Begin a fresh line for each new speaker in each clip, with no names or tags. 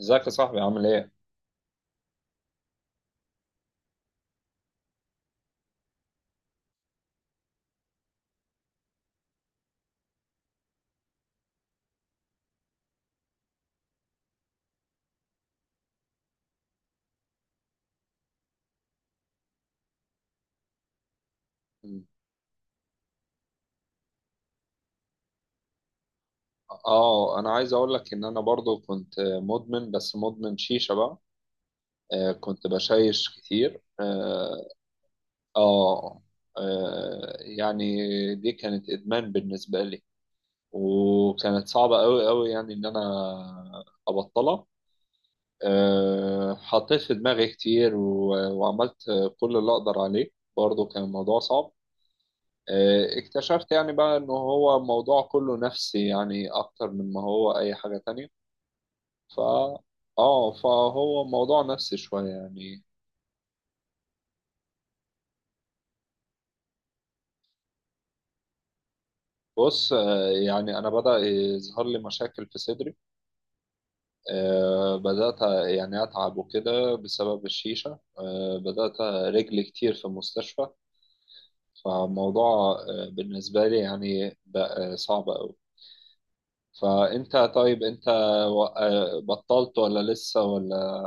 ازيك يا صاحبي عامل ايه؟ اه انا عايز اقول لك ان انا برضو كنت مدمن، بس مدمن شيشة بقى. كنت بشيش كتير اه, آه يعني دي كانت ادمان بالنسبة لي، وكانت صعبة قوي قوي يعني ان انا ابطلها. حطيت في دماغي كتير، و- وعملت كل اللي اقدر عليه. برضو كان الموضوع صعب. اكتشفت يعني بقى انه هو الموضوع كله نفسي، يعني اكتر من ما هو اي حاجة تانية. ف اه فهو موضوع نفسي شوية يعني. بص، يعني انا بدأ يظهر لي مشاكل في صدري. بدأت يعني اتعب وكده بسبب الشيشة. بدأت رجلي كتير في المستشفى. فالموضوع بالنسبة لي يعني بقى صعب أوي. طيب انت بطلت ولا لسه ولا؟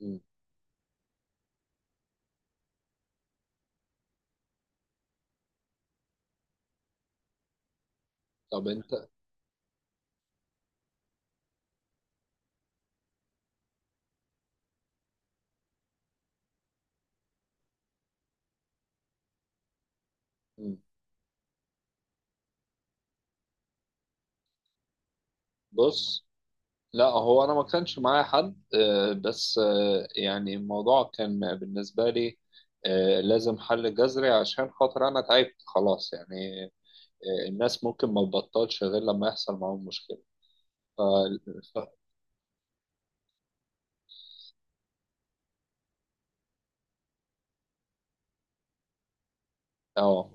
مم. طب انت، بص، لا، هو انا ما كانش معايا حد. بس يعني الموضوع كان بالنسبه لي لازم حل جذري عشان خاطر انا تعبت خلاص يعني. الناس ممكن ما تبطلش غير لما يحصل معاهم مشكله. ف... ف... اه،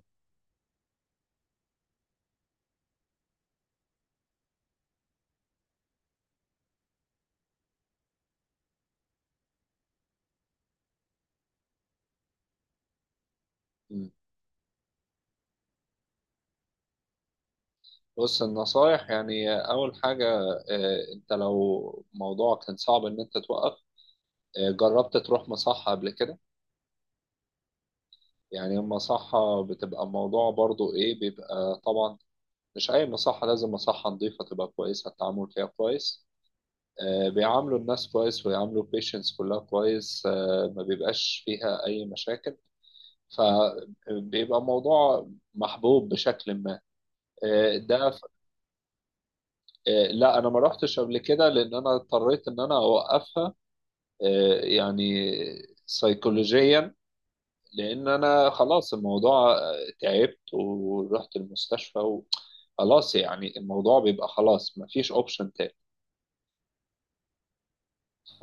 مم. بص، النصايح يعني اول حاجه، انت لو موضوع كان صعب ان انت توقف، جربت تروح مصحه قبل كده؟ يعني المصحة بتبقى موضوع برضو ايه بيبقى طبعا مش أي مصحة، لازم مصحة نظيفة تبقى كويسة، التعامل فيها كويس، بيعاملوا الناس كويس ويعاملوا البيشنتس كلها كويس. ما بيبقاش فيها أي مشاكل. فبيبقى موضوع محبوب بشكل ما. ده لا، أنا ما رحتش قبل كده لأن أنا اضطريت إن أنا أوقفها. يعني سيكولوجيا، لأن أنا خلاص الموضوع تعبت ورحت المستشفى. خلاص، يعني الموضوع بيبقى خلاص مفيش اوبشن تاني.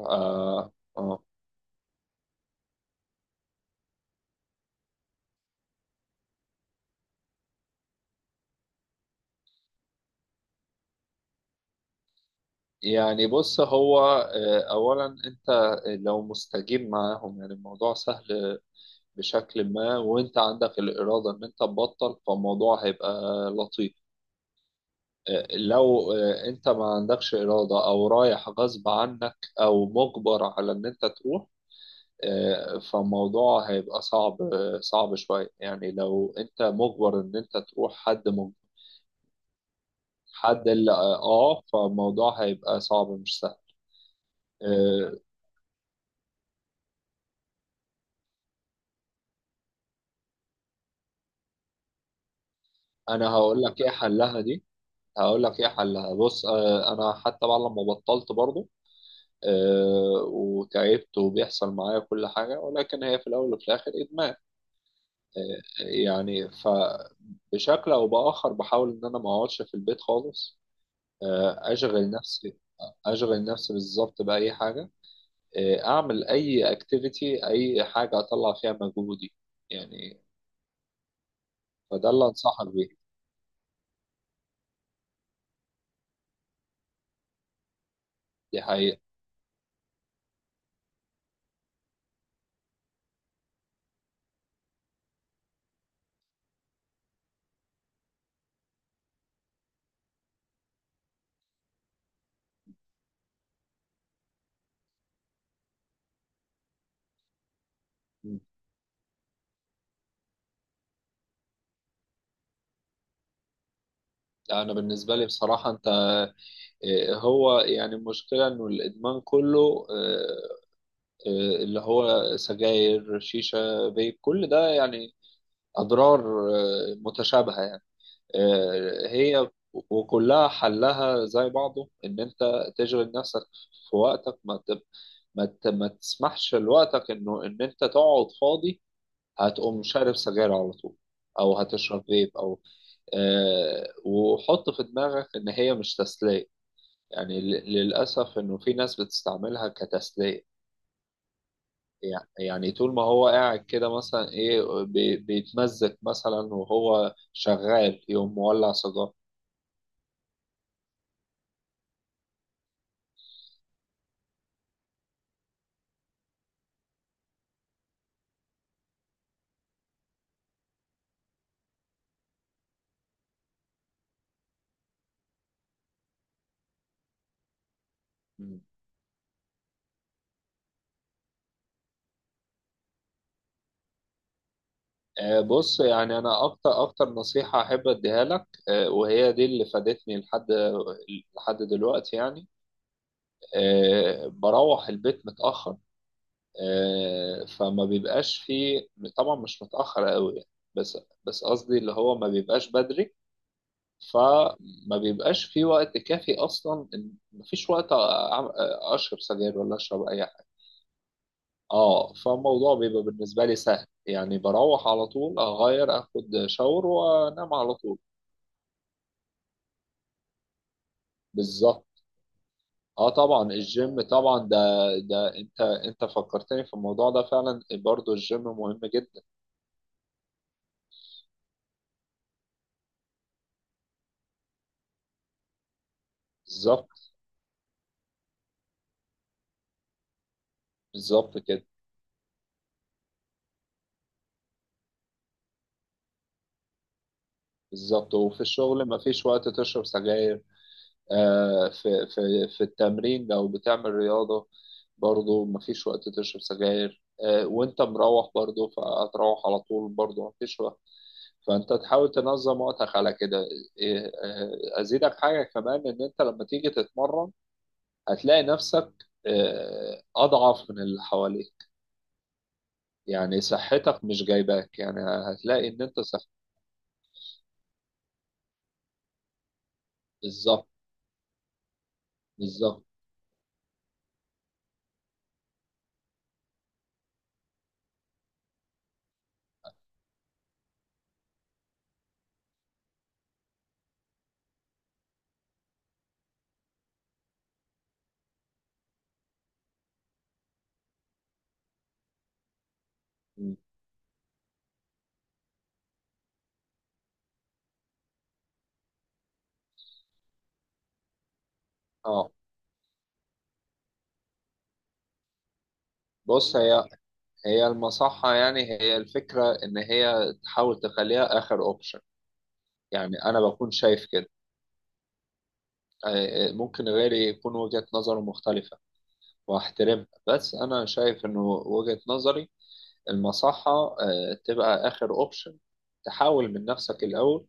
آه آه يعني بص هو أولا أنت لو مستجيب معاهم يعني الموضوع سهل بشكل ما، وأنت عندك الإرادة إن أنت تبطل فالموضوع هيبقى لطيف. لو أنت ما عندكش إرادة، أو رايح غصب عنك، أو مجبر على إن أنت تروح، فالموضوع هيبقى صعب، صعب شوية يعني. لو أنت مجبر إن أنت تروح، حد مجبر، حد اللي آه آه، فالموضوع هيبقى صعب مش سهل. آه، انا هقول لك ايه حلها دي. هقول لك ايه حلها بص، انا حتى بعد لما بطلت برضه وتعبت وبيحصل معايا كل حاجه، ولكن هي في الاول وفي الاخر ادمان. يعني فبشكل او باخر بحاول ان انا ما اقعدش في البيت خالص. اشغل نفسي. اشغل نفسي بالظبط باي حاجه. اعمل اي اكتيفيتي، اي حاجه اطلع فيها مجهودي يعني. فده اللي انصحك بيه. دي حقيقه. م. انا بالنسبه لي بصراحه انت هو يعني المشكلة إنه الإدمان كله اللي هو سجاير شيشة فيب كل ده يعني أضرار متشابهة يعني. هي وكلها حلها زي بعضه إن أنت تشغل نفسك في وقتك. ما تب... ما, ت... ما تسمحش لوقتك إنه إن أنت تقعد فاضي، هتقوم شارب سجاير على طول، أو هتشرب فيب. وحط في دماغك إن هي مش تسلية، يعني للأسف إنه في ناس بتستعملها كتسلية. يعني طول ما هو قاعد كده مثلا إيه بيتمزج مثلا وهو شغال يقوم مولع سيجارة. مم. بص يعني أنا أكتر أكتر نصيحة أحب أديها لك، وهي دي اللي فادتني لحد دلوقتي يعني. بروح البيت متأخر، فما بيبقاش فيه، طبعا مش متأخر قوي يعني، بس بس قصدي اللي هو ما بيبقاش بدري، فما بيبقاش في وقت كافي اصلا مفيش وقت اشرب سجاير ولا اشرب اي حاجه. اه فالموضوع بيبقى بالنسبه لي سهل، يعني بروح على طول اغير، اخد شاور، وانام على طول. بالظبط. اه طبعا الجيم طبعا ده انت فكرتني في الموضوع ده فعلا، برضو الجيم مهم جدا. بالظبط. بالظبط كده. بالظبط، وفي الشغل مفيش وقت تشرب سجاير، في في التمرين لو بتعمل رياضة برضو مفيش وقت تشرب سجاير. وانت مروح برضو فهتروح على طول، برضو مفيش وقت. فانت تحاول تنظم وقتك على كده. إيه، ازيدك حاجة كمان ان انت لما تيجي تتمرن هتلاقي نفسك اضعف من اللي حواليك، يعني صحتك مش جايباك، يعني هتلاقي ان انت صح. بالظبط. بالظبط. م. اه، بص هي هي المصحة يعني، هي الفكرة إن هي تحاول تخليها آخر أوبشن. يعني أنا بكون شايف كده. ممكن غيري يكون وجهة نظره مختلفة، وأحترمها، بس أنا شايف إنه وجهة نظري المصحة تبقى آخر أوبشن. تحاول من نفسك الأول،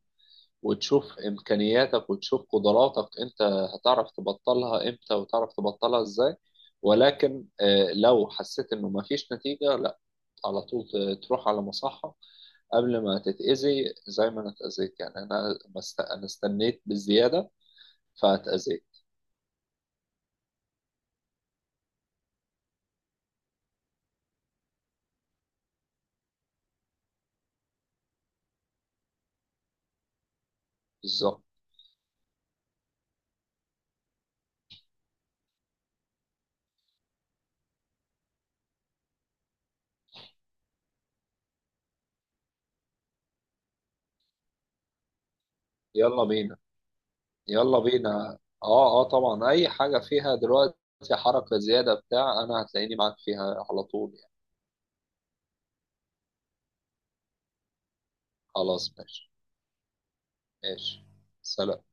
وتشوف إمكانياتك، وتشوف قدراتك أنت. هتعرف تبطلها إمتى وتعرف تبطلها إزاي. ولكن لو حسيت إنه مفيش نتيجة، لا، على طول تروح على مصحة، قبل ما تتأذي زي ما انا اتأذيت. يعني انا ما است- انا استنيت بالزيادة فاتأذيت. بالظبط. يلا بينا. يلا بينا، اه، اه، طبعا اي حاجة فيها دلوقتي حركة زيادة بتاع انا هتلاقيني معاك فيها على طول يعني. خلاص ماشي. ماشي. سلام.